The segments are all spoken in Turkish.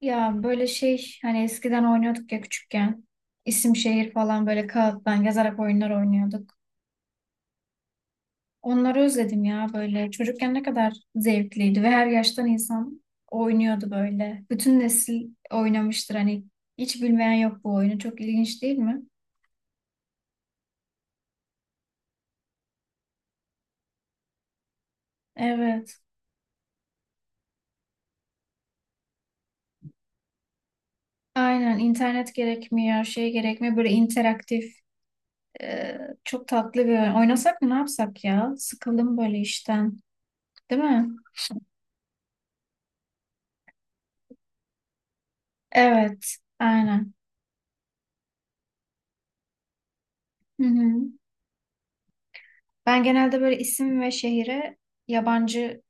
Ya böyle şey hani eskiden oynuyorduk ya küçükken. İsim şehir falan böyle kağıttan yazarak oyunlar oynuyorduk. Onları özledim ya böyle. Çocukken ne kadar zevkliydi ve her yaştan insan oynuyordu böyle. Bütün nesil oynamıştır hani hiç bilmeyen yok bu oyunu. Çok ilginç değil mi? Evet. Aynen internet gerekmiyor, şey gerekmiyor. Böyle interaktif, e, çok tatlı bir oyun. Oynasak mı ne yapsak ya? Sıkıldım böyle işten, değil mi? Evet, aynen. Hı hı. Ben genelde böyle isim ve şehire yabancı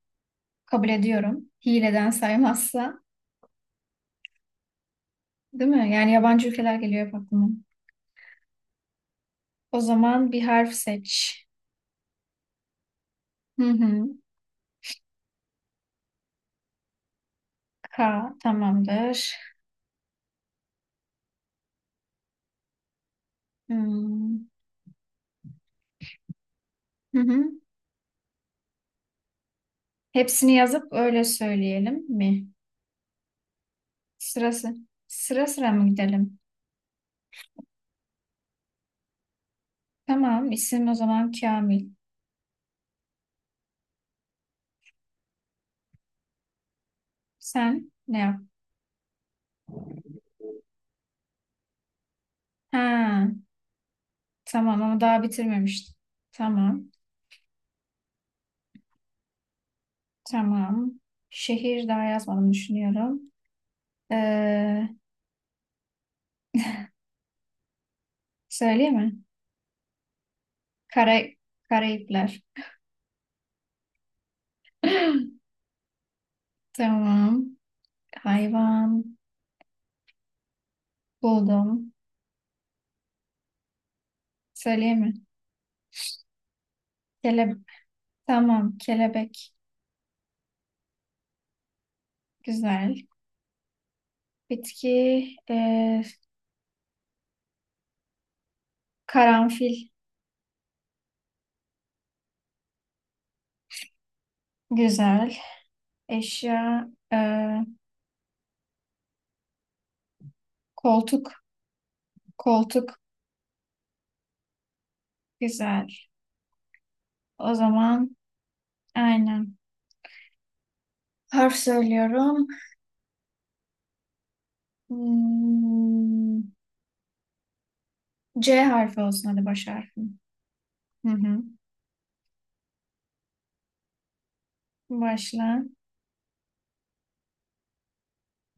kabul ediyorum. Hileden saymazsa, değil mi? Yani yabancı ülkeler geliyor hep aklıma. O zaman bir harf seç. Hı hı. K tamamdır. Hmm. Hı hı. Hepsini yazıp öyle söyleyelim mi? Sırası. Sıra sıra mı gidelim? Tamam, isim o zaman Kamil. Sen ne yap? Ha, tamam ama daha bitirmemiştim. Tamam, tamam. Şehir daha yazmadım düşünüyorum. Ee, söyleyeyim mi? Kara, Karayipler. Tamam. Hayvan buldum. Söyleyeyim mi? Kele, tamam. Kelebek. Güzel. Bitki. Karanfil. Güzel. Eşya. ee, koltuk. Koltuk. Güzel. O zaman aynen. Harf söylüyorum. Hmm, C harfi olsun hadi baş harfi. Hı hı. Başla.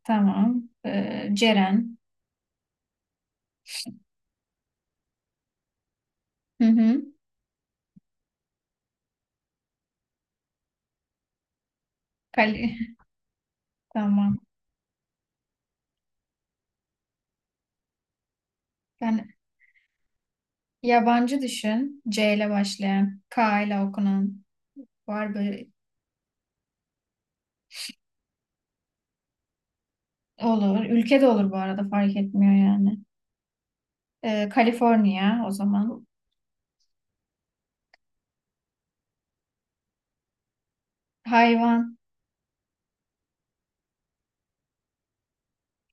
Tamam. Ceren. Hı hı. Kali. Tamam. Yani yabancı düşün. C ile başlayan. K ile okunan. Var böyle. Olur. Ülke de olur bu arada fark etmiyor yani. Kaliforniya o zaman. Hayvan.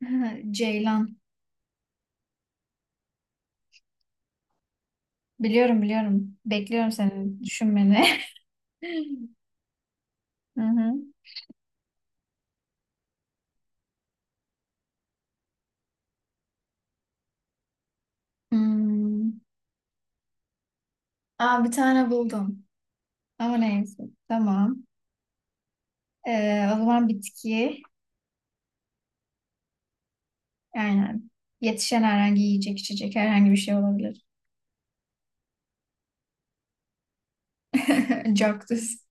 Ceylan. Biliyorum. Bekliyorum senin düşünmeni. Hı hı. Hmm. Aa, bir tane buldum. Ama neyse. Tamam. O zaman bitki. Aynen. Yetişen herhangi yiyecek içecek herhangi bir şey olabilir. Cactus.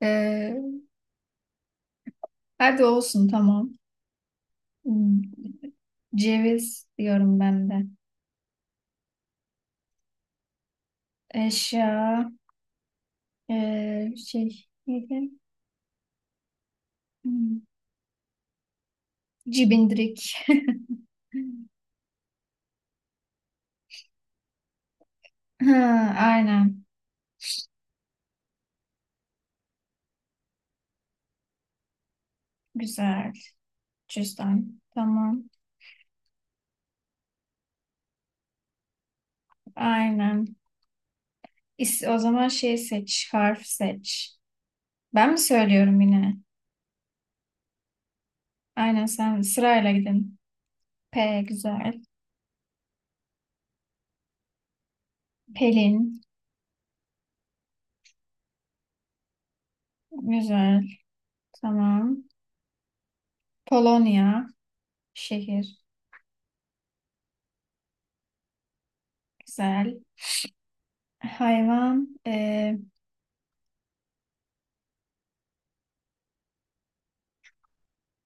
Ee, hadi olsun tamam. Hmm, Ceviz diyorum ben de. Eşya. Şey neydi? Hmm, Cibindirik. Ha, aynen. Güzel. Cüzdan. Tamam. Aynen. O zaman şey seç. Harf seç. Ben mi söylüyorum yine? Aynen sen sırayla gidin. P güzel. Pelin. Güzel. Tamam. Polonya. Şehir. Güzel. Hayvan.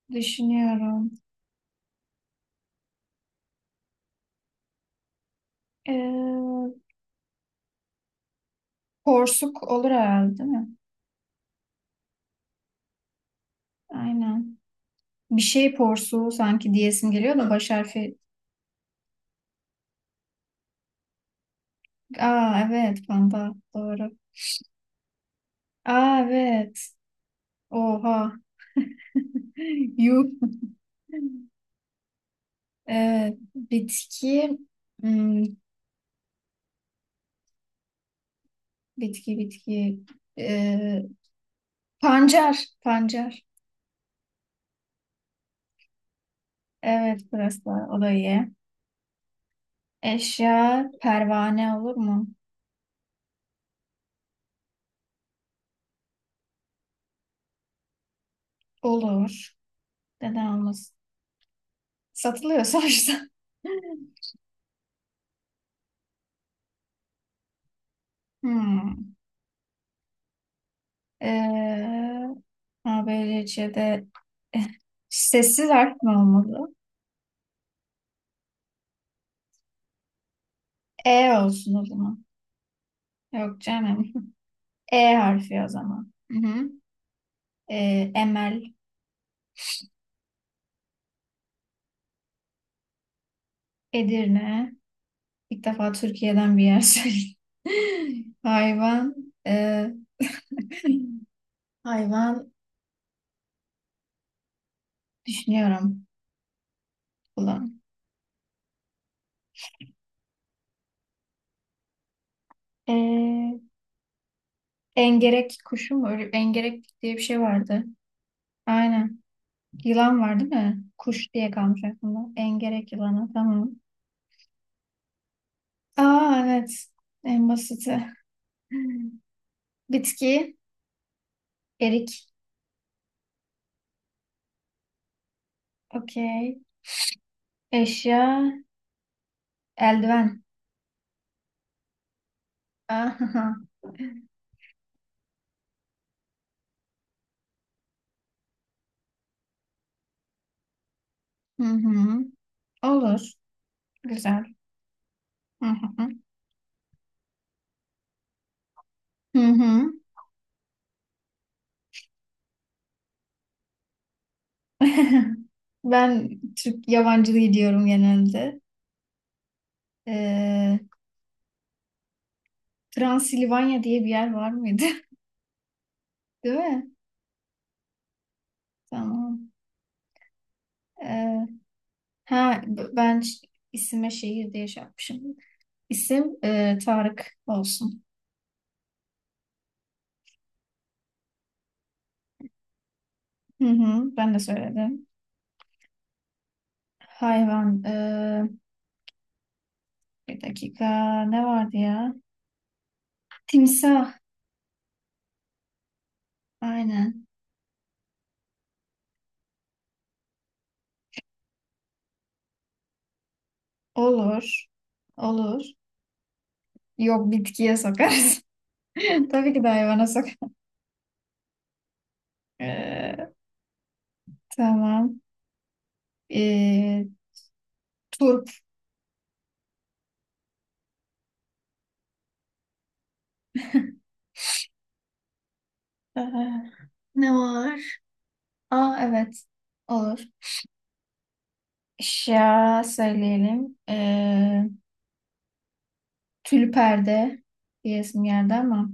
Düşünüyorum. E, porsuk olur herhalde değil mi? Aynen. Bir şey porsuğu sanki diyesim geliyor da baş harfi. Aa evet panda. Doğru. Aa evet. Oha. Yuh. Bitki. Hmm, bitki. E, pancar. Pancar. Evet burası da o da iyi. Eşya pervane olur mu? Olur. Neden olmasın? Satılıyor sonuçta. Hmm. Ee, ABC'de sessiz harf mi olmalı? E olsun o zaman. Yok canım. E harfi o zaman. Hı hı. Emel, Edirne. İlk defa Türkiye'den bir yer söyledim. Hayvan. ee, hayvan düşünüyorum. Ulan. Ee, Engerek kuşu mu? Engerek diye bir şey vardı. Aynen. Yılan var değil mi? Kuş diye kalmış aklımda. Engerek yılanı. Tamam. Aa evet. En basiti. Bitki. Erik. Okey. Eşya. Eldiven. Aha. Hı hı. Olur. Güzel. Hı hı. Hı hı. Ben Türk yabancılığı diyorum genelde. Ee, Transilvanya diye bir yer var mıydı? Değil mi? Tamam. Ee, Ha, b- ben ş- isime şehir diye şey yapmışım. İsim Tarık olsun. Hı hı, ben de söyledim. Hayvan. Bir dakika. Ne vardı ya? Timsah. Aynen. Olur. Olur. Yok bitkiye sokarız. Tabii ki de hayvana sok. E, tamam. E, turp. E, ne var? Aa evet. Olur. Eşya söyleyelim. Tül perde diyesim geldi ama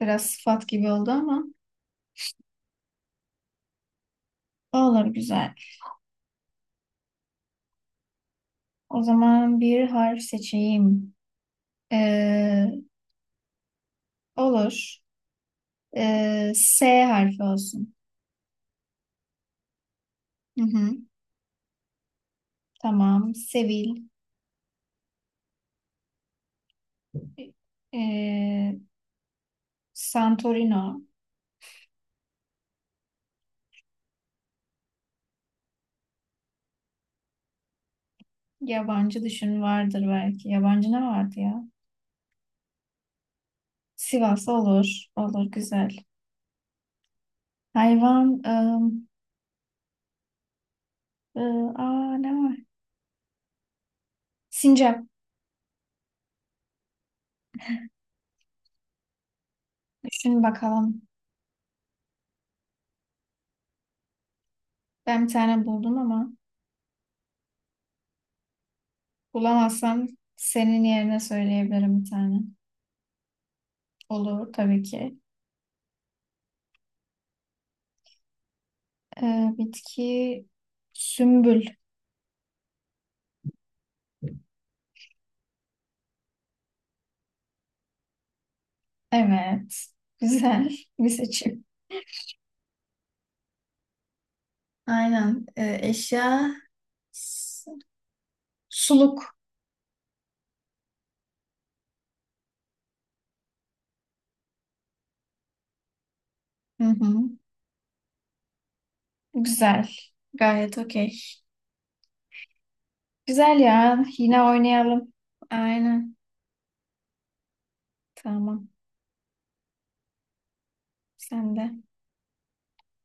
biraz sıfat gibi oldu ama olur güzel. O zaman bir harf seçeyim. Ee, olur. S harfi olsun. Hı hı, tamam. Sevil. Ee, Santorino. Yabancı düşün vardır belki. Yabancı ne vardı ya? Sivas olur. Olur güzel. Hayvan. I, aa, ne var? Sincap. Düşün bakalım. Ben bir tane buldum ama. Bulamazsam senin yerine söyleyebilirim bir tane. Olur tabii ki. Bitki sümbül. Evet. Güzel bir seçim. Aynen. Eşya s- suluk. Hı hı. Güzel. Gayet okey. Güzel ya. Yine oynayalım. Aynen. Tamam. Sen de.